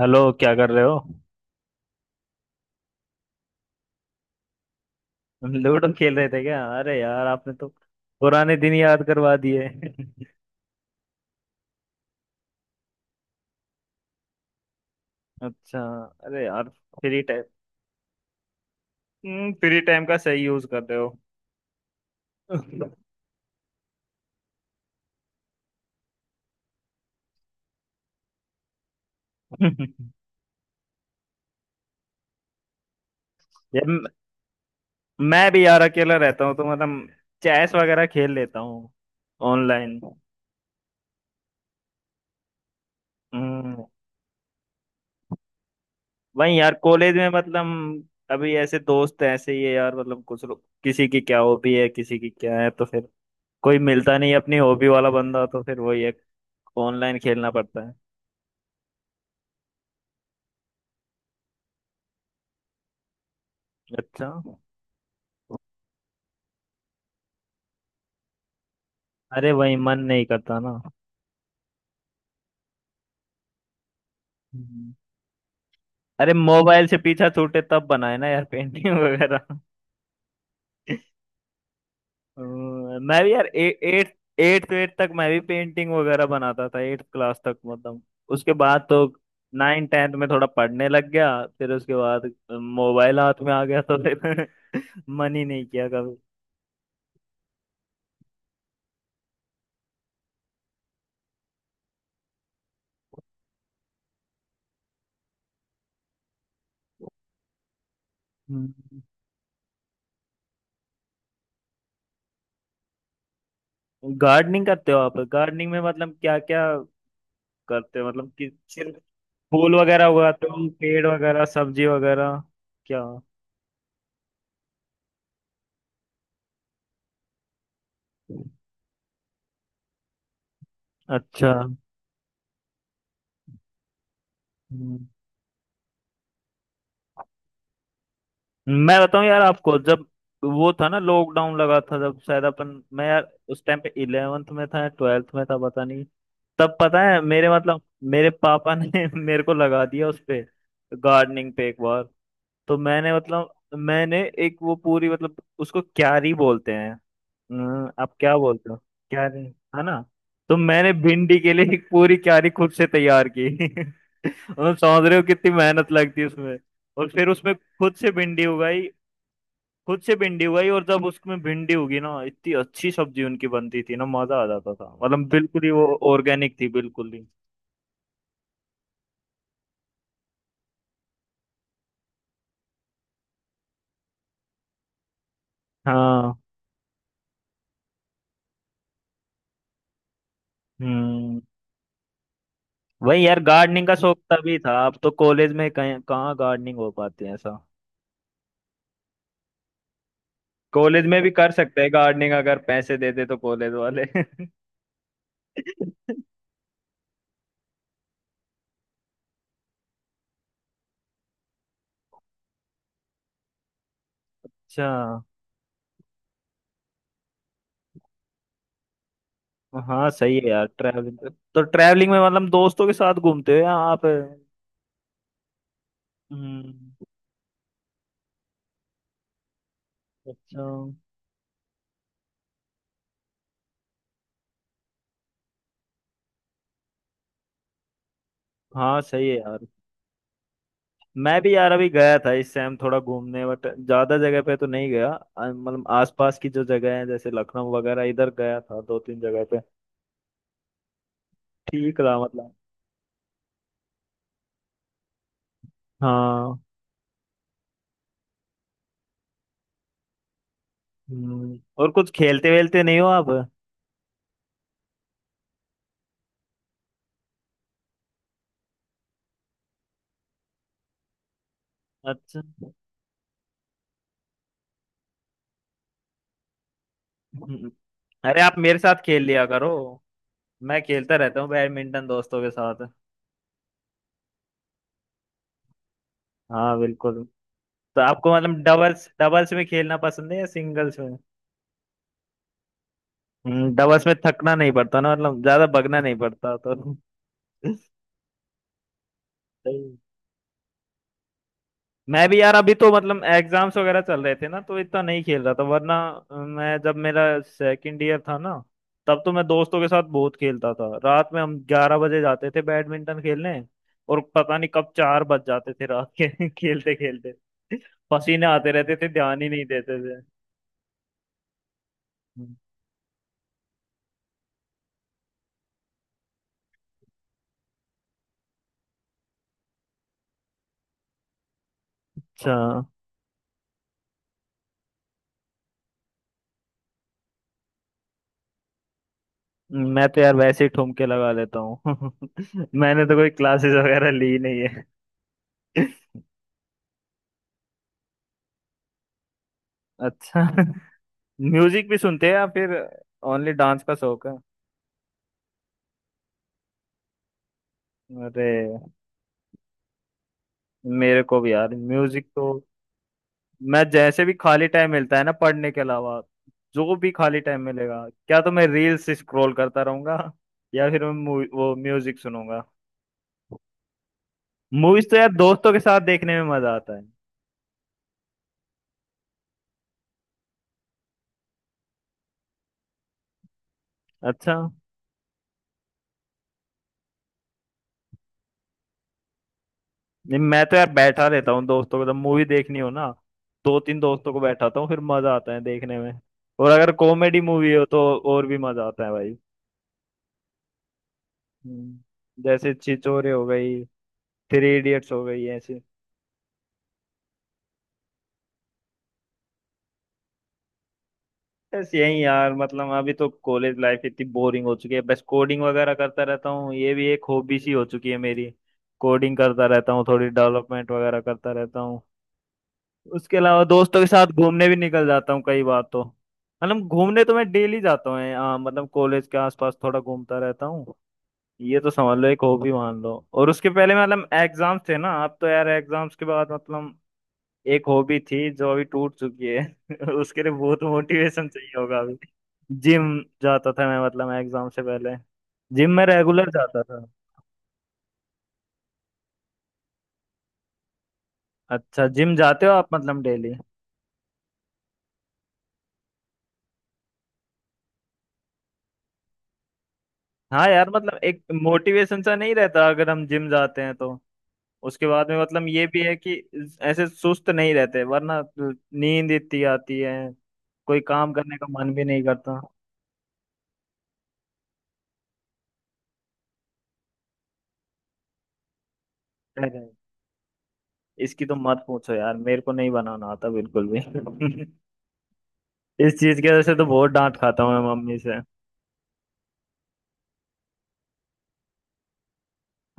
Hello, क्या कर रहे हो? लूडो खेल रहे थे क्या? अरे यार, आपने तो पुराने दिन याद करवा दिए। अच्छा। अरे यार, फ्री टाइम। फ्री टाइम का सही यूज कर रहे हो। यार, मैं भी यार अकेला रहता हूँ तो मतलब चेस वगैरह खेल लेता हूँ ऑनलाइन। हम्म। वही यार, कॉलेज में मतलब अभी ऐसे दोस्त ऐसे ही है यार, मतलब कुछ लोग किसी की क्या हॉबी है, किसी की क्या है, तो फिर कोई मिलता नहीं है अपनी हॉबी वाला बंदा, तो फिर वही है, ऑनलाइन खेलना पड़ता है। अच्छा। अरे, वही मन नहीं करता ना। हम्म। अरे, मोबाइल से पीछा छूटे तब बनाए ना यार पेंटिंग वगैरह। मैं भी यार एट एट तो 8 तक मैं भी पेंटिंग वगैरह बनाता था 8 क्लास तक मतलब। उसके बाद तो 9-10 में थोड़ा पढ़ने लग गया। फिर उसके बाद मोबाइल हाथ में आ गया तो फिर मन ही नहीं किया कभी। हम्म। गार्डनिंग करते हो आप? गार्डनिंग में मतलब क्या क्या करते हो? मतलब कि सिर्फ फूल वगैरह हुआ, तुम पेड़ वगैरह, सब्जी वगैरह, क्या? अच्छा। हम्म, मैं बताऊं यार आपको, जब वो था ना लॉकडाउन लगा था जब शायद अपन। मैं यार उस टाइम पे 11th में था या 12th में था पता नहीं। तब पता है, मेरे मतलब मेरे पापा ने मेरे को लगा दिया उस पे, गार्डनिंग पे, एक बार। तो मैंने मतलब मैंने एक वो पूरी, मतलब उसको क्यारी बोलते हैं। आप क्या बोलते हो? क्यारी, है ना? तो मैंने भिंडी के लिए एक पूरी क्यारी खुद से तैयार की। मतलब समझ रहे हो कितनी मेहनत लगती है उसमें। और फिर उसमें खुद से भिंडी उगाई, खुद से भिंडी उगाई, और जब उसमें भिंडी उगी ना, इतनी अच्छी सब्जी उनकी बनती थी ना, मजा आ जाता था, मतलब बिल्कुल ही वो ऑर्गेनिक थी, बिल्कुल ही। हाँ। हम्म। वही यार, गार्डनिंग का शौक तभी था, अब तो कॉलेज में कहीं कहाँ गार्डनिंग हो पाती है ऐसा। कॉलेज में भी कर सकते हैं गार्डनिंग, अगर पैसे दे दे तो कॉलेज वाले। अच्छा। हाँ, सही है यार ट्रैवलिंग। तो ट्रैवलिंग में मतलब दोस्तों के साथ घूमते हो या आप? हम्म। अच्छा। हाँ, सही है यार। मैं भी यार अभी गया था इस टाइम थोड़ा घूमने, बट ज्यादा जगह पे तो नहीं गया। मतलब आसपास की जो जगह है जैसे लखनऊ वगैरह इधर गया था दो तीन जगह पे। ठीक रहा मतलब। हाँ। और कुछ खेलते वेलते नहीं हो आप? अच्छा। हम्म, अरे, आप मेरे साथ खेल लिया करो। मैं खेलता रहता हूँ बैडमिंटन दोस्तों के साथ। हाँ बिल्कुल। तो आपको मतलब डबल्स डबल्स में खेलना पसंद है या सिंगल्स में? डबल्स में थकना नहीं पड़ता ना, मतलब ज्यादा भगना नहीं पड़ता तो। सही। मैं भी यार अभी तो मतलब एग्जाम्स वगैरह चल रहे थे ना, तो इतना नहीं खेल रहा था वरना। मैं जब मेरा 2nd year था ना, तब तो मैं दोस्तों के साथ बहुत खेलता था, रात में हम 11 बजे जाते थे बैडमिंटन खेलने। और पता नहीं कब 4 बज जाते थे रात के। खेलते खेलते पसीने आते रहते थे, ध्यान ही नहीं देते थे। अच्छा। मैं तो यार वैसे ही ठुमके लगा लेता हूँ। मैंने तो कोई क्लासेस वगैरह ली नहीं है। अच्छा। म्यूजिक भी सुनते हैं या फिर ओनली डांस का शौक? अरे, मेरे को भी यार म्यूजिक तो। मैं जैसे भी खाली टाइम मिलता है ना पढ़ने के अलावा, जो भी खाली टाइम मिलेगा क्या, तो मैं रील्स स्क्रॉल करता रहूंगा, या फिर मैं वो म्यूजिक सुनूंगा। मूवीज तो यार दोस्तों के साथ देखने में मजा आता है। अच्छा। नहीं, मैं तो यार बैठा रहता हूँ दोस्तों को, जब मूवी देखनी हो ना दो तीन दोस्तों को बैठाता हूँ, फिर मजा आता है देखने में। और अगर कॉमेडी मूवी हो तो और भी मजा आता है भाई। हम्म, जैसे छिछोरे हो गई, 3 Idiots हो गई ऐसी। बस यही यार, मतलब अभी तो कॉलेज लाइफ इतनी बोरिंग हो चुकी है, बस कोडिंग वगैरह करता रहता हूँ, ये भी एक हॉबी सी हो चुकी है मेरी। कोडिंग करता रहता हूँ, थोड़ी डेवलपमेंट वगैरह करता रहता हूँ। उसके अलावा दोस्तों के साथ घूमने भी निकल जाता हूँ कई बार तो। मतलब घूमने तो मैं डेली जाता हूँ, हाँ, मतलब कॉलेज के आसपास थोड़ा घूमता रहता हूँ। ये तो समझ लो एक हॉबी मान लो, और उसके पहले मतलब एग्जाम्स थे ना, अब तो यार एग्जाम्स के बाद मतलब एक हॉबी थी जो अभी टूट चुकी है। उसके लिए बहुत मोटिवेशन चाहिए होगा अभी। जिम जाता था मैं, मतलब मैं एग्जाम से पहले जिम में रेगुलर जाता था। अच्छा? जिम जाते हो आप मतलब डेली? हाँ यार, मतलब एक मोटिवेशन सा नहीं रहता अगर हम जिम जाते हैं तो, उसके बाद में मतलब ये भी है कि ऐसे सुस्त नहीं रहते, वरना नींद इतनी आती है, कोई काम करने का मन भी नहीं करता। अरे, इसकी तो मत पूछो यार, मेरे को नहीं बनाना आता बिल्कुल भी। इस चीज की वजह से तो बहुत डांट खाता हूँ मैं मम्मी से।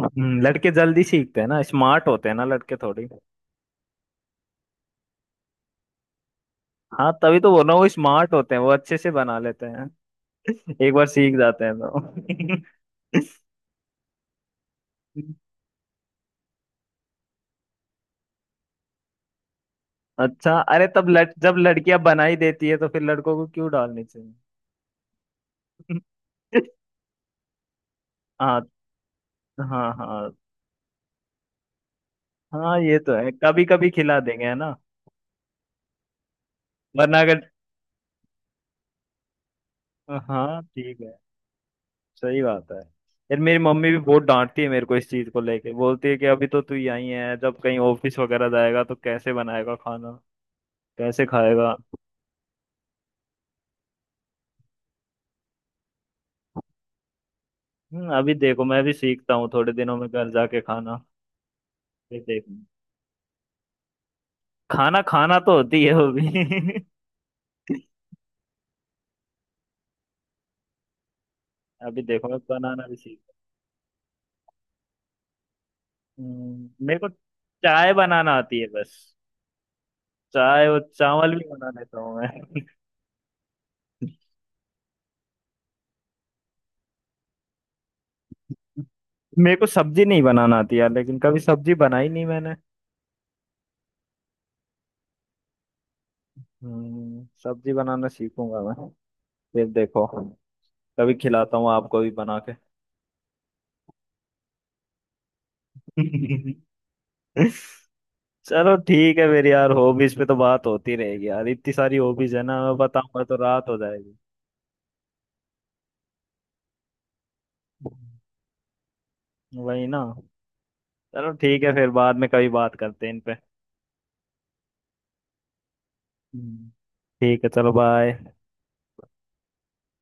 लड़के जल्दी सीखते हैं ना, स्मार्ट होते हैं ना लड़के थोड़ी। हाँ, तभी तो बोल रहा हूँ वो स्मार्ट होते हैं, वो अच्छे से बना लेते हैं, एक बार सीख जाते हैं तो। अच्छा। अरे, तब जब लड़कियां बना ही देती है तो फिर लड़कों को क्यों डालनी चाहिए? हाँ, हाँ, हाँ, हाँ, ये तो है, कभी कभी खिला देंगे, है ना। वरना अगर। हाँ ठीक है, सही बात है। यार, मेरी मम्मी भी बहुत डांटती है मेरे को इस चीज को लेके, बोलती है कि अभी तो तू यहीं है, जब कहीं ऑफिस वगैरह जाएगा तो कैसे बनाएगा खाना, कैसे खाएगा? अभी देखो मैं भी सीखता हूँ थोड़े दिनों में घर जाके खाना फिर देखूँ। खाना खाना तो होती है वो भी। अभी देखो मैं बनाना भी सीख। मेरे को चाय बनाना आती है बस। चाय और चावल भी बना लेता हूँ मैं। मेरे को सब्जी नहीं बनाना आती यार, लेकिन कभी सब्जी बनाई नहीं मैंने। सब्जी बनाना सीखूंगा मैं, फिर देखो। कभी खिलाता हूँ आपको भी बना के। चलो ठीक है, मेरी यार हॉबीज पे तो बात होती रहेगी यार, इतनी सारी हॉबीज है ना, मैं बताऊंगा तो रात हो जाएगी। वही ना। चलो ठीक है, फिर बाद में कभी बात करते हैं इन पे। हम्म। ठीक है, चलो बाय।